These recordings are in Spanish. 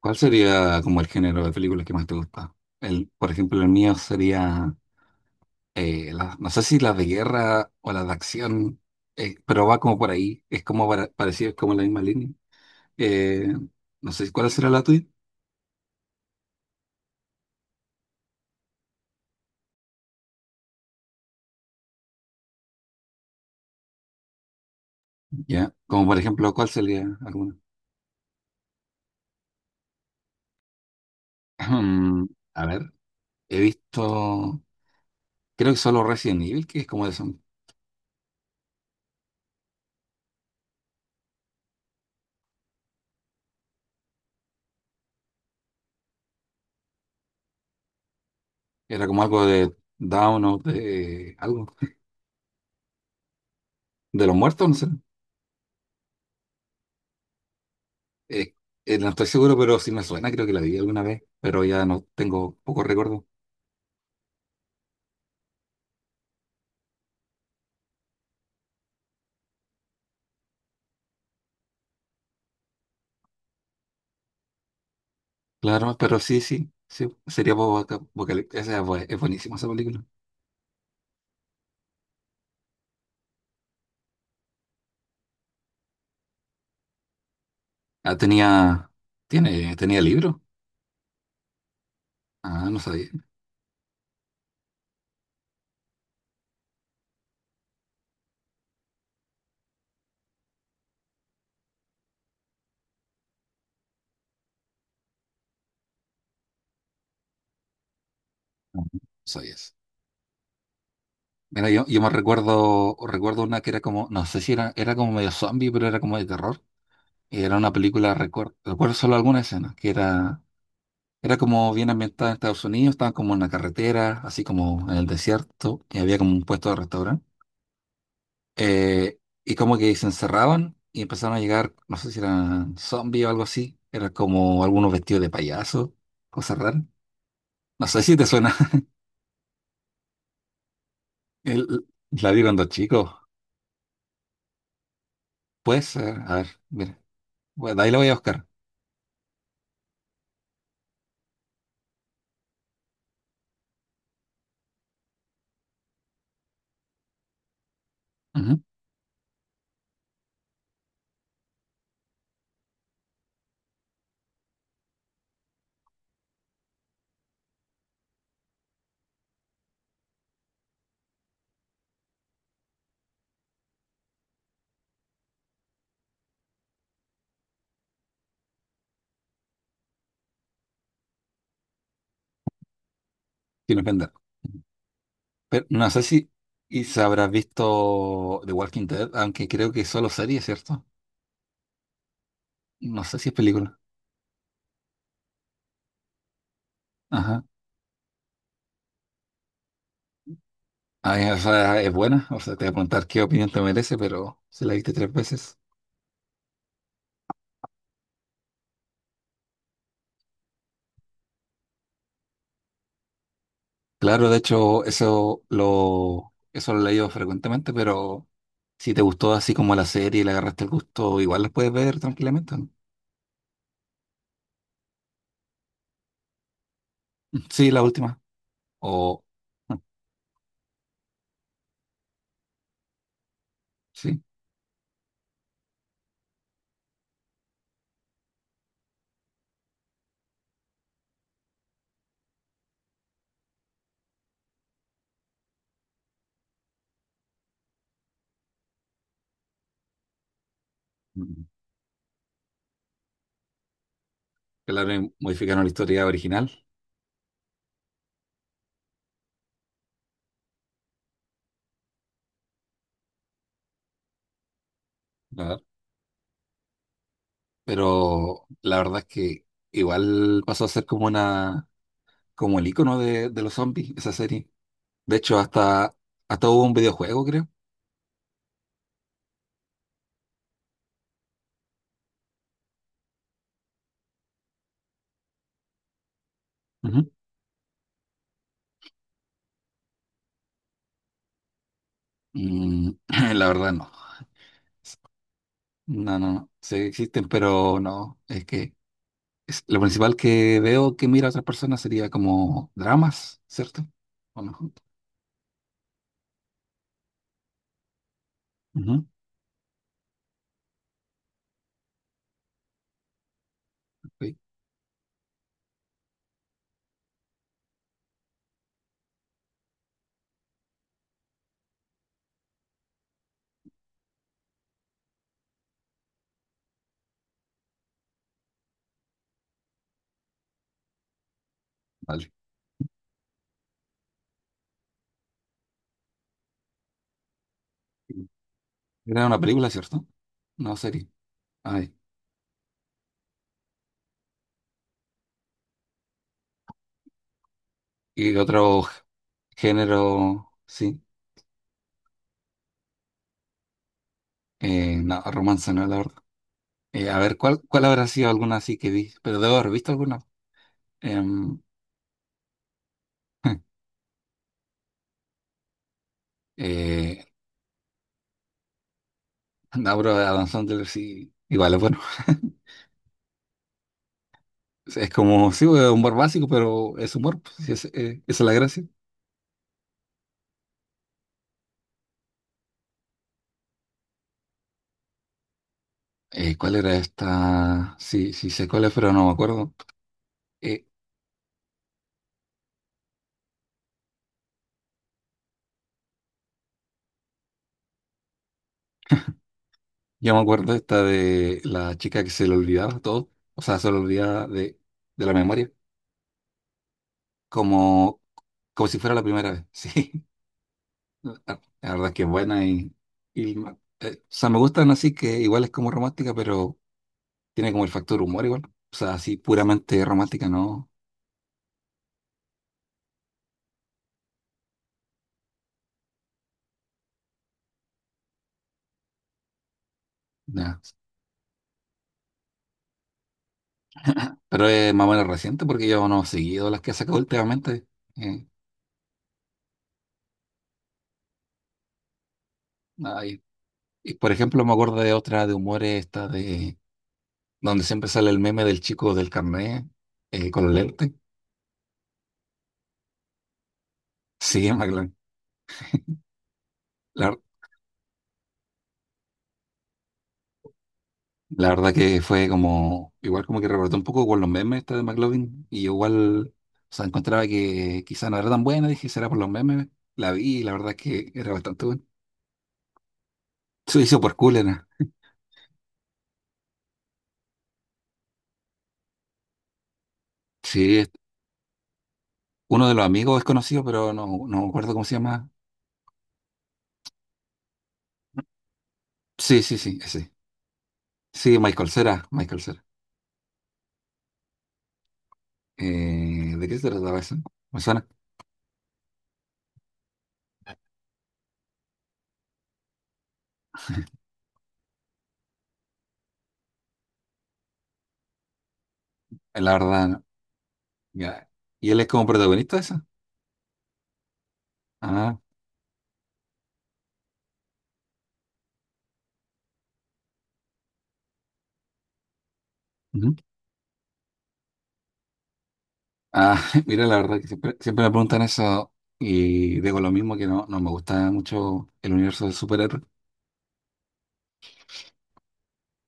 ¿Cuál sería como el género de películas que más te gusta? El, por ejemplo, el mío sería, no sé si las de guerra o las de acción, pero va como por ahí, es como parecido, es como la misma línea. Eh, no sé cuál será la tuya. ¿Ya? Como por ejemplo, ¿cuál sería alguna? Ahem, A ver, he visto, creo que solo Resident Evil, que es como de zombies. Era como algo de Down o de algo, de los muertos, no sé. Eh, no estoy seguro, pero sí me suena, creo que la vi alguna vez, pero ya no tengo poco recuerdo. Claro, pero sí, sí, sí, sería Boca. Es buenísima esa película. Ah, tenía, tiene, tenía libro. Ah, no sabía. No sabía eso. Mira, yo recuerdo una que era como, no sé si era, era como medio zombie, pero era como de terror. Y era una película, recuerdo solo alguna escena, que era, era como bien ambientada en Estados Unidos, estaban como en la carretera, así como en el desierto, y había como un puesto de restaurante. Eh, y como que se encerraban y empezaron a llegar, no sé si eran zombies o algo así. Era como algunos vestidos de payaso, cosas raras. No sé si te suena. El- la vi cuando chico. Pues, ser, a ver, mira. Bueno, de ahí la voy a buscar. Ujú. Sin ofender. Pero no sé si y se habrás visto The Walking Dead, aunque creo que es solo serie, ¿cierto? No sé si es película. Ajá. Ah, ya, o sea, es buena. O sea, te voy a preguntar qué opinión te merece, pero si la viste tres veces. Claro, de hecho, eso lo he leído frecuentemente, pero si te gustó así como la serie y le agarraste el gusto, igual las puedes ver tranquilamente, ¿no? Sí, la última. O ah, sí. Mm. Claro, y modificaron la historia original. la- pero la verdad es que igual pasó a ser como una, como el icono de los zombies, esa serie. De hecho, hasta, hasta hubo un videojuego, creo. Ujú. Mm, la verdad no. No, no, no. Sí existen, pero no. Lo principal que veo que mira a otras personas sería como dramas, ¿cierto? O no. Ujú, ok, vale. Era una película, ¿cierto? No, serie. Ay, y otro género, sí. No, romance, no, la verdad. A ver, ¿cuál habrá sido alguna así que vi? Pero debo haber visto alguna. Em, eh, no, pero Adam Sandler sí, igual es bueno. Es como, sí, un humor básico, pero es humor, pues, sí, esa es la gracia. ¿Cuál era esta? Sí, sí sé cuál es, pero no me acuerdo. Eh, yo me acuerdo esta de la chica que se le olvidaba todo, o sea, se le olvidaba de la memoria, como, como si fuera la primera vez. Sí, la, la verdad es que es buena y o sea, me gustan así que igual es como romántica, pero tiene como el factor humor igual. O sea, así puramente romántica, no, nada. Pero es más o menos reciente porque yo no he seguido las que ha sacado últimamente. Eh, Y por ejemplo, me acuerdo de otra de humores, esta de donde siempre sale el meme del chico del carnet con los lentes. Sí, en McLovin. La, la verdad que fue como, igual como que rebotó un poco con los memes esta de McLovin. Y yo igual, o sea, encontraba que quizá no era tan buena, dije, será por los memes. La vi y la verdad es que era bastante buena. Se hizo por cool, era. Sí, uno de los amigos es conocido, pero no, no me acuerdo cómo se llama. Sí, sí, sí, ese. Sí, Michael Cera, Michael Cera. ¿De qué se trataba eso? ¿Me suena? La verdad, no. Ya. ¿Y él es como protagonista de esa? Ah, ujú. Ah, mira, la verdad que siempre, siempre me preguntan eso y digo lo mismo, que no, no me gusta mucho el universo del superhéroe.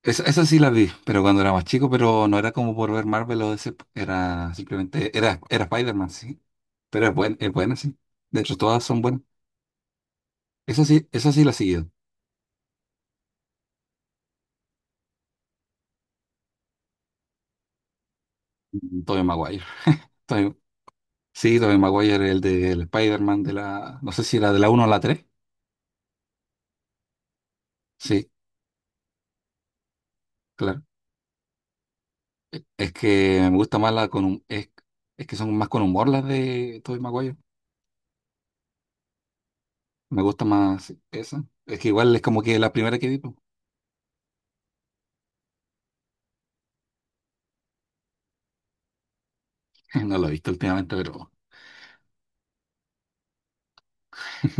Eso sí la vi, pero cuando era más chico, pero no era como por ver Marvel o DC, era simplemente, era Spider-Man, sí, pero es buena, sí. De hecho, todas son buenas. Eso sí, eso sí la he seguido. Tobey Maguire. Tobey- sí, Tobey Maguire, el del Spider-Man de la, no sé si era de la uno o la 3 sí. Claro. Es que me gusta más la con hum- es que son más con humor las de Tobey Maguire. Me gusta más esa. Es que igual es como que la primera que vi, po. No lo he visto últimamente, pero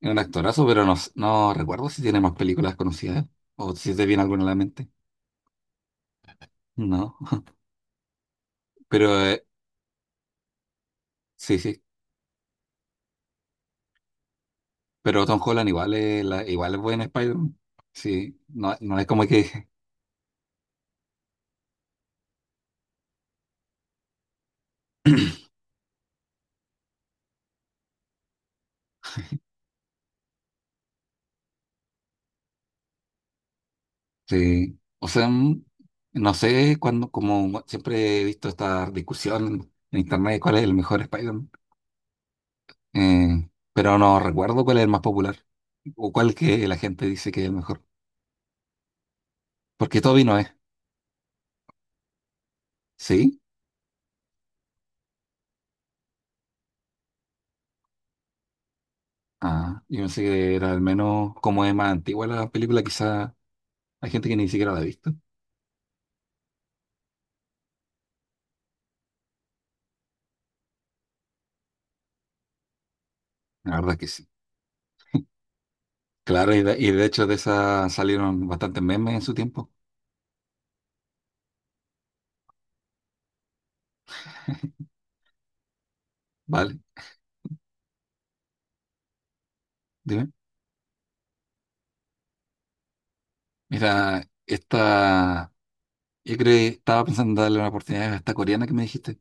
es un actorazo, pero no, no recuerdo si tiene más películas conocidas o si te viene alguna a la mente. No. Pero sí, sí. Pero Tom Holland igual es, la, igual es buen Spider-Man. Sí, no, no es como que. Sí. O sea, mm, no sé, cuando, como siempre he visto esta discusión en internet, ¿cuál es el mejor Spider-Man? Pero no recuerdo cuál es el más popular o cuál que la gente dice que es el mejor. Porque Toby no es, ¿sí? Ah, yo pensé que era al menos como es más antigua la película, quizá hay gente que ni siquiera la ha visto. La verdad es que sí. Claro, y de hecho de esa salieron bastantes memes en su tiempo. Vale, dime. Mira, esta, yo creo, que estaba pensando en darle una oportunidad a esta coreana que me dijiste,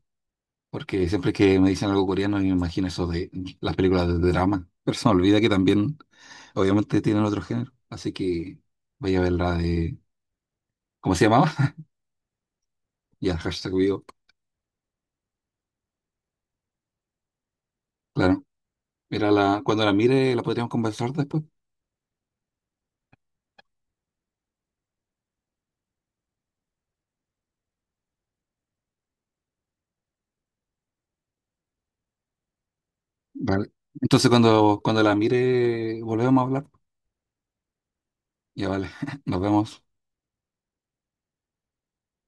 porque siempre que me dicen algo coreano, yo me imagino eso de las películas de drama, pero se me olvida que también obviamente tienen otro género, así que vaya a ver la de... ¿Cómo se llamaba? Ya, hashtag vivo. Claro. Era la... Cuando la mire, la podríamos conversar después. Vale. Entonces, cuando, cuando la mire, volvemos a hablar. Ya, vale. Nos vemos.